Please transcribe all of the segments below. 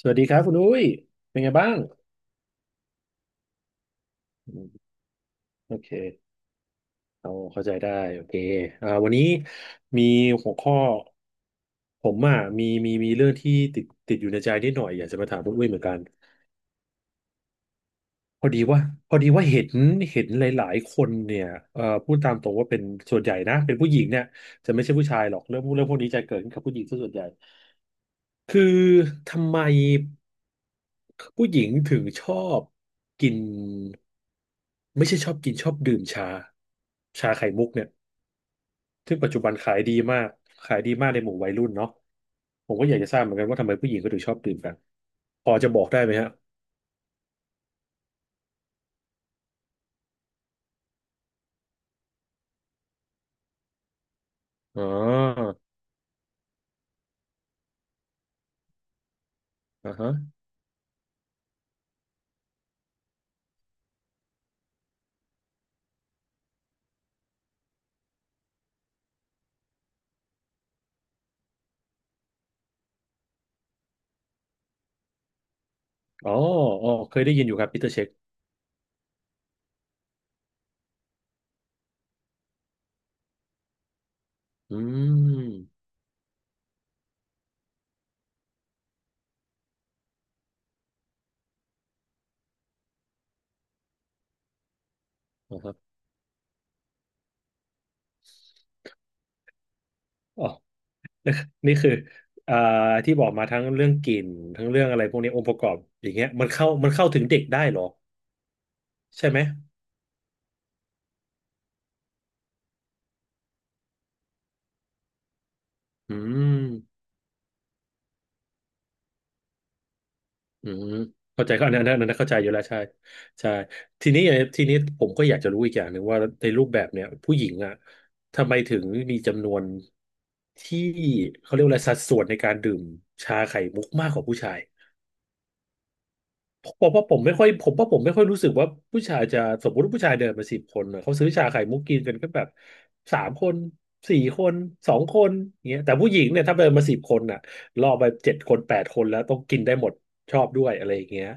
สวัสดีครับคุณอุ้ยเป็นไงบ้างอืมโอเคเอาเข้าใจได้โอเควันนี้มีหัวข้อผมอ่ะมีเรื่องที่ติดอยู่ในใจนิดหน่อยอยากจะมาถามคุณอุ้ยเหมือนกันพอดีว่าพอดีว่าเห็นหลายๆคนเนี่ยพูดตามตรงว่าเป็นส่วนใหญ่นะเป็นผู้หญิงเนี่ยจะไม่ใช่ผู้ชายหรอกเรื่องพวกนี้จะเกิดขึ้นกับผู้หญิงซะส่วนใหญ่ คือทำไมผู้หญิงถึงชอบกินไม่ใช่ชอบกินชอบดื่มชาชาไข่มุกเนี่ยซึ่งปัจจุบันขายดีมากขายดีมากในหมู่วัยรุ่นเนาะผมก็อยากจะทราบเหมือนกันว่าทำไมผู้หญิงก็ถึงชอบดื่มกันพอจะบอกได้ไหมฮะอ๋ออ่าฮะอ๋ออ๋อเคยได้ยินอยู่ครับปีเตอร์เช็คอืมอ๋อครับอ๋อนี่คืออ่าที่บอกมาทั้งเรื่องกลิ่นทั้งเรื่องอะไรพวกนี้องค์ประกอบอย่างเงี้ยมันเข้าถึงเด็กได้เหรอ ใช่ไหม อืมอืมเข้าใจก็อันนั้นเข้าใจอยู่แล้วใช่ ใช่ทีนี้ทีนี้ผมก็อยากจะรู้อีกอย่างหนึ่งว่าในรูปแบบเนี่ยผู้หญิงอ่ะทำไมถึงมีจำนวนที่เขาเรียกว่าอะไรสัดส่วนในการดื่มชาไข่มุกมากกว่าผู้ชาย ผมว่าผมไม่ค่อยผมว่าผมไม่ค่อยรู้สึกว่าผู้ชายจะสมมติว่าผู้ชายเดินมาสิบคนน่ะเขาซื้อชาไข่มุกกินกันก็แบบสามคนสี่คนสองคนอย่างเงี้ยแต่ผู้หญิงเนี่ยถ้าเดินมาสิบคนน่ะล่อไปเจ็ดคนแปดคนแล้วต้องกินได้หมดชอบด้วยอะไรอย่างเงี้ย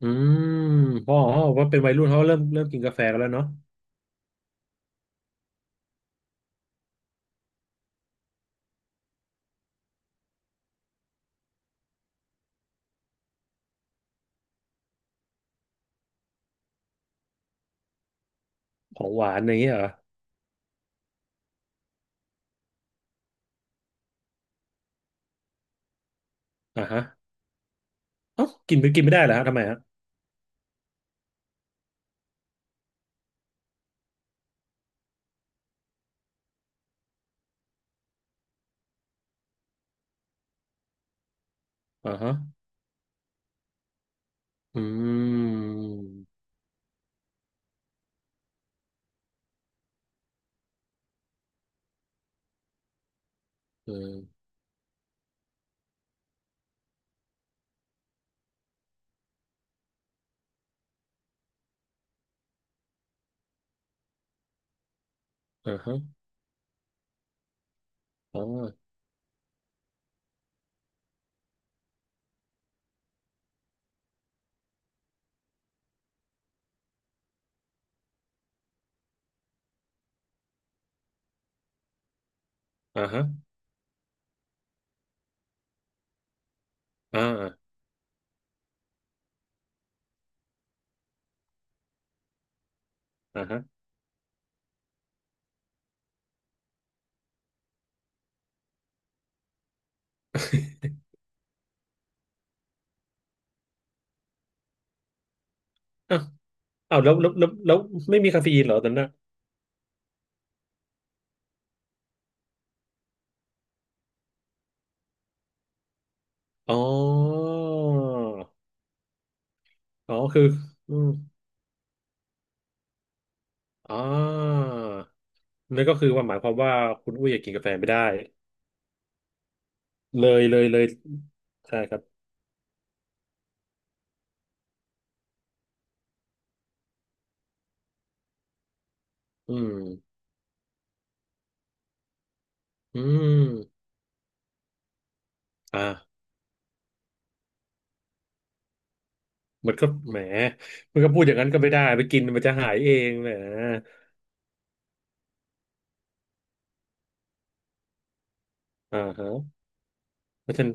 อืมพ่ะออว่าเป็นวัยรุ่นเขาเริ่มกินกาแฟกันแล้วเนาะของหวานอย่างเงี้ยเหรออ่าฮะเอ้ากินไปกินไม่ได้เหรอฮะทำไมฮะอ่าฮะอืมเอออ่าฮะอ๋ออ่าฮะอ่าอ่าฮะ อ้าวอ้าวแล้วไม่มีคาเฟอีนเหรอตอนนั้นนะอ๋อ อ๋อคืออืมออนั่นก็คือว่าหมายความว่าคุณอุ้ยอยากกินกาแฟไม่ได้เลยใช่ครับ อืมอืมอ่ามันก็แหมมันก็พูดอย่างนั้นก็ไม่ได้ไปกินมันจะหายเองแหมอ่าฮะเพราะฉะนั้น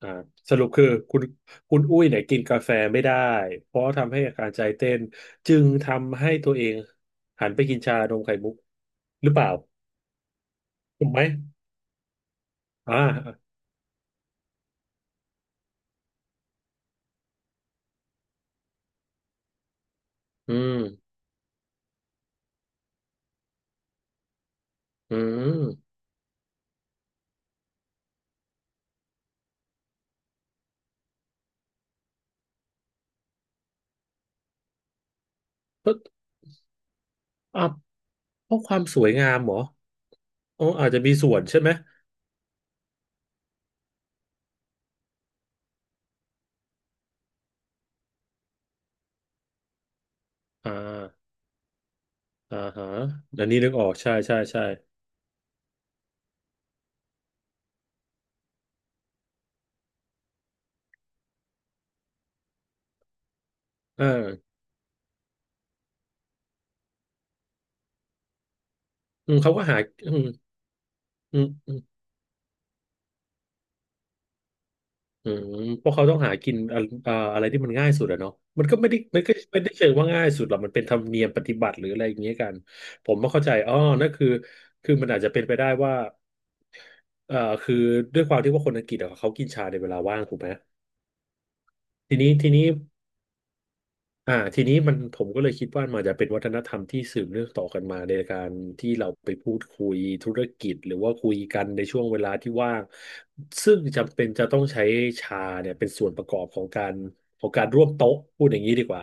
อ่าสรุปคือคุณอุ้ยเนี่ยกินกาแฟไม่ได้เพราะทำให้อาการใจเต้นจึงทำให้ตัวเองหันไปกินชานมไข่มุกหรือเปล่าถูกไหมอ่าอืมอืมเพราะอ่ะเพราะความสวยงามเหรออ๋ออาจจะมีส่วนใช่ไหมอ่าอ่าฮะอันนี้นึกออกใช่ใช่ใช่อ่าอืมเขาก็หาอืมอืม อืมเพราะเขาต้องหากินอะอ่าอะไรที่มันง่ายสุดอะเนาะมันก็ไม่ได้เชิงว่าง่ายสุดหรอกมันเป็นธรรมเนียมปฏิบัติหรืออะไรอย่างเงี้ยกันผมไม่เข้าใจอ๋อนั่นคือคือมันอาจจะเป็นไปได้ว่าเอ่อคือด้วยความที่ว่าคนอังกฤษอะเขากินชาในเวลาว่างถูกไหมทีนี้ทีนี้ อ่าทีนี้มันผมก็เลยคิดว่ามันจะเป็นวัฒนธรรมที่สืบเนื่องต่อกันมาในการที่เราไปพูดคุยธุรกิจหรือว่าคุยกันในช่วงเวลาที่ว่างซึ่งจำเป็นจะต้องใช้ชาเนี่ยเป็นส่วนประกอบของการร่วมโต๊ะพูดอย่างนี้ดีกว่า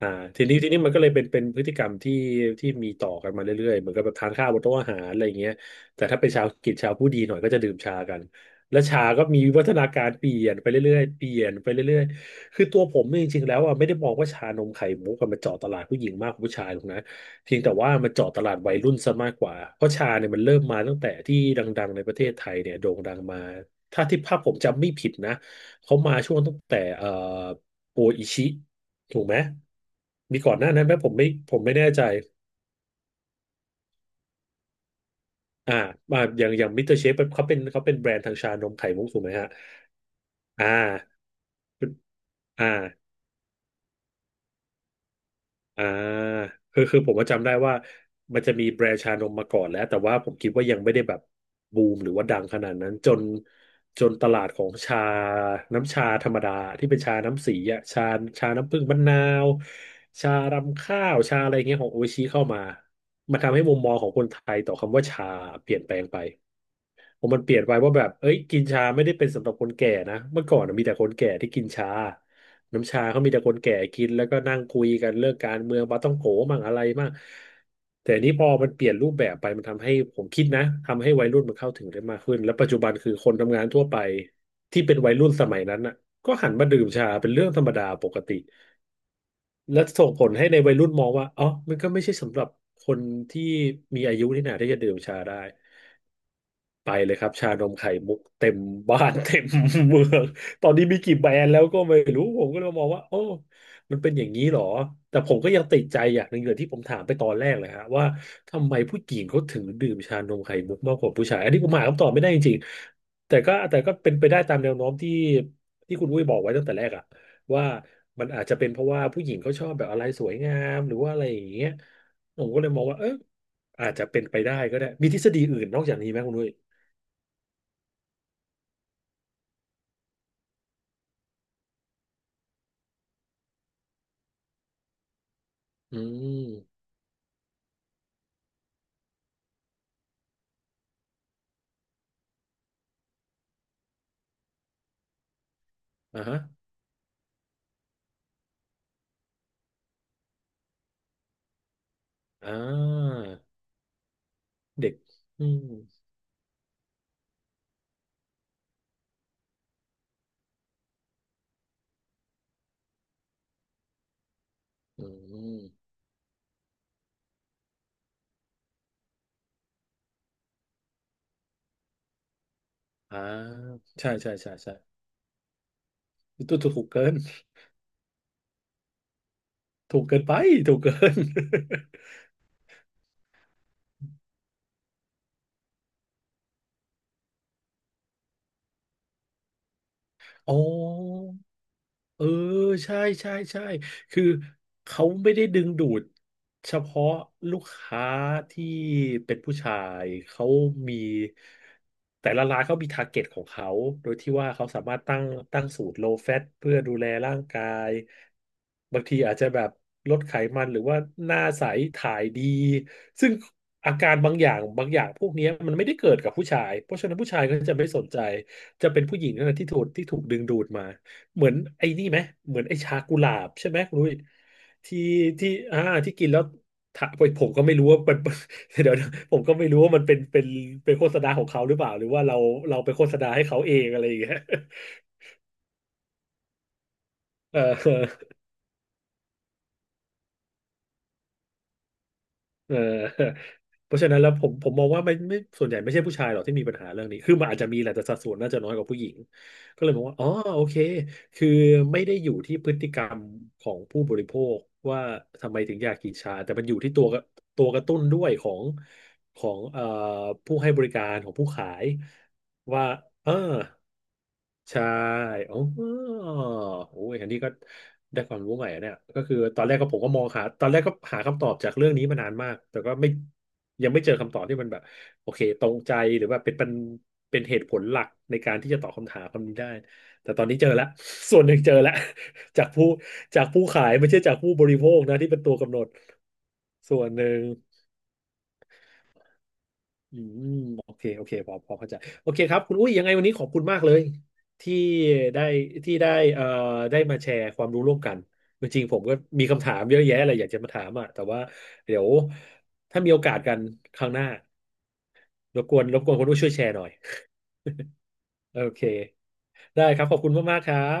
อ่าทีนี้ทีนี้มันก็เลยเป็นพฤติกรรมที่ที่มีต่อกันมาเรื่อยๆเหมือนกับแบบทานข้าวบนโต๊ะอาหารอะไรอย่างเงี้ยแต่ถ้าเป็นชาวกิจชาวผู้ดีหน่อยก็จะดื่มชากันและชาก็มีวิวัฒนาการเปลี่ยนไปเรื่อยๆเปลี่ยนไปเรื่อยๆคือตัวผมเนี่ยจริงๆแล้วอ่ะไม่ได้มองว่าชานมไข่มุกอะมันเจาะตลาดผู้หญิงมากกว่าผู้ชายหรอกนะเพียงแต่ว่ามันเจาะตลาดวัยรุ่นซะมากกว่าเพราะชาเนี่ยมันเริ่มมาตั้งแต่ที่ดังๆในประเทศไทยเนี่ยโด่งดังมาถ้าที่ภาพผมจำไม่ผิดนะเขามาช่วงตั้งแต่โออิชิ ถูกไหม มีก่อนหน้านั้นไหมผมไม่แน่ใจอ่ามาอย่างมิสเตอร์เชฟเขาเป็นแบรนด์ทางชานมไข่มุกถูกไหมฮะอ่าอ่าอ่าคือคือผมก็จำได้ว่ามันจะมีแบรนด์ชานมมาก่อนแล้วแต่ว่าผมคิดว่ายังไม่ได้แบบบูมหรือว่าดังขนาดนั้นจนจนตลาดของชาน้ำชาธรรมดาที่เป็นชาน้ำสีอ่ะชาชาน้ำผึ้งมะนาว ชารำข้าว ชาอะไรเงี้ยของโออิชิเข้ามามันทำให้มุมมองของคนไทยต่อคำว่าชาเปลี่ยนแปลงไป ผมมันเปลี่ยนไปว่าแบบเอ้ยกินชาไม่ได้เป็นสำหรับคนแก่นะเมื่อก่อนน่ะมีแต่คนแก่ที่กินชาน้ำชาเขามีแต่คนแก่กินแล้วก็นั่งคุยกันเรื่องการเมืองปาต้องโกมั่งอะไรมั่งแต่นี้พอมันเปลี่ยนรูปแบบไปมันทำให้ผมคิดนะทำให้วัยรุ่นมันเข้าถึงได้มากขึ้นแล้วปัจจุบันคือคนทำงานทั่วไปที่เป็นวัยรุ่นสมัยนั้นน่ะก็หันมาดื่มชาเป็นเรื่องธรรมดาปกติและส่งผลให้ในวัยรุ่นมองว่าอ๋อมันก็ไม่ใช่สำหรับคนที่มีอายุนี่นาที่จะดื่มชาได้ ไปเลยครับชานมไข่มุกเต็มบ้าน เต็มเมืองตอนนี้มีกี่แบรนด์แล้วก็ไม่รู้ผมก็เลยมองว่าโอ้มันเป็นอย่างนี้เหรอ แต่ผมก็ยังติดใจอย่างหนึ่งเลยที่ผมถามไปตอนแรกเลยฮะว่าทำไมผู้หญิงเขาถึงดื่มชานมไข่มุกมากกว่าผู้ชายอันนี้ผมหาคำตอบไม่ได้จริงๆแต่ก็เป็นไปได้ตามแนวโน้มที่คุณอุ้ยบอกไว้ตั้งแต่แรกอะว่ามันอาจจะเป็นเพราะว่าผู้หญิงเขาชอบแบบอะไรสวยงามหรือว่าอะไรอย่างเงี้ยผมก็เลยมองว่าเอออาจจะเป็นไปได้ก็ได้มีทฤษฎีอื่นนอกจากนี้ไหมคุณอุ้ย อืมอ่าฮะอ่าเด็กอืมอืมอ่าใช่ใช่ใช่ใช่ถูกถูกเกินถูกเกินไปถูกเกิน อ๋อ เออ ใช่ใช่ใช่คือเขาไม่ได้ดึงดูดเฉพาะลูกค้าที่เป็นผู้ชาย เขามีแต่ละร้านเขามีทาร์เก็ตของเขา โดยที่ว่าเขาสามารถตั้งสูตร low fat เพื่อดูแลร่างกายบางทีอาจจะแบบลดไขมันหรือว่าหน้าใสถ่ายดีซึ่งอาการบางอย่างบางอย่างพวกเนี้ยมันไม่ได้เกิดกับผู้ชายเพราะฉะนั้นผู้ชายก็จะไม่สนใจ จะเป็นผู้หญิงนั่นแหละที่ถูกดึงดูดมาเหมือนไอ้นี่ไหมเหมือนไอ้ชากุหลาบใช่ไหมคุณลุยที่ที่อ่าที่กินแล้วถาผมก็ไม่รู้ว่า มันเดี๋ยวนะผมก็ไม่รู้ว่ามันเป็นโฆษณาของเขาหรือเปล่าหรือว่าเราไปโฆษณาให้เขาเองอะไรอย่างเงี้ย เออ เออ เพราะฉะนั้นแล้วผมมองว่าไม่ส่วนใหญ่ไม่ใช่ผู้ชายหรอกที่มีปัญหาเรื่องนี้คือมันอาจจะมีแหละแต่สัดส่วนน่าจะน้อยกว่าผู้หญิงก็เลยมองว่าอ๋อโอเคคือไม่ได้อยู่ที่พฤติกรรมของผู้บริโภคว่าทำไมถึงอยากกินชาแต่มันอยู่ที่ตัวกระตุ้นด้วยของของผู้ให้บริการของผู้ขายว่าเออ ใช่อ๋อโอ้ยอันนี้ก็ได้ความรู้ใหม่อะเนี่ยก็คือตอนแรกก็ผมก็มองหาตอนแรกก็หาคำตอบจากเรื่องนี้มานานมากแต่ก็ไม่ยังไม่เจอคำตอบที่มันแบบโอเคตรงใจหรือว่าเป็นเหตุผลหลักในการที่จะตอบคำถามคำนี้ได้แต่ตอนนี้เจอแล้ว ส่วนหนึ่งเจอแล้วจากผู้จากผู้ขายไม่ใช่จากผู้บริโภคนะที่เป็นตัวกำหนดส่วนหนึ่ง อืมโอเคโอเคพอเข้าใจโอเคครับคุณอุ้ยยังไงวันนี้ขอบคุณมากเลยที่ได้ที่ได้เอ่อได้มาแชร์ความรู้ร่วมกันจริงๆผมก็มีคำถามเยอะแยะเลยอยากจะมาถามอ่ะแต่ว่าเดี๋ยวถ้ามีโอกาสกันครั้งหน้ารบกวนคุณอุ้ยช่วยแชร์หน่อยโอเคได้ครับขอบคุณมากๆครับ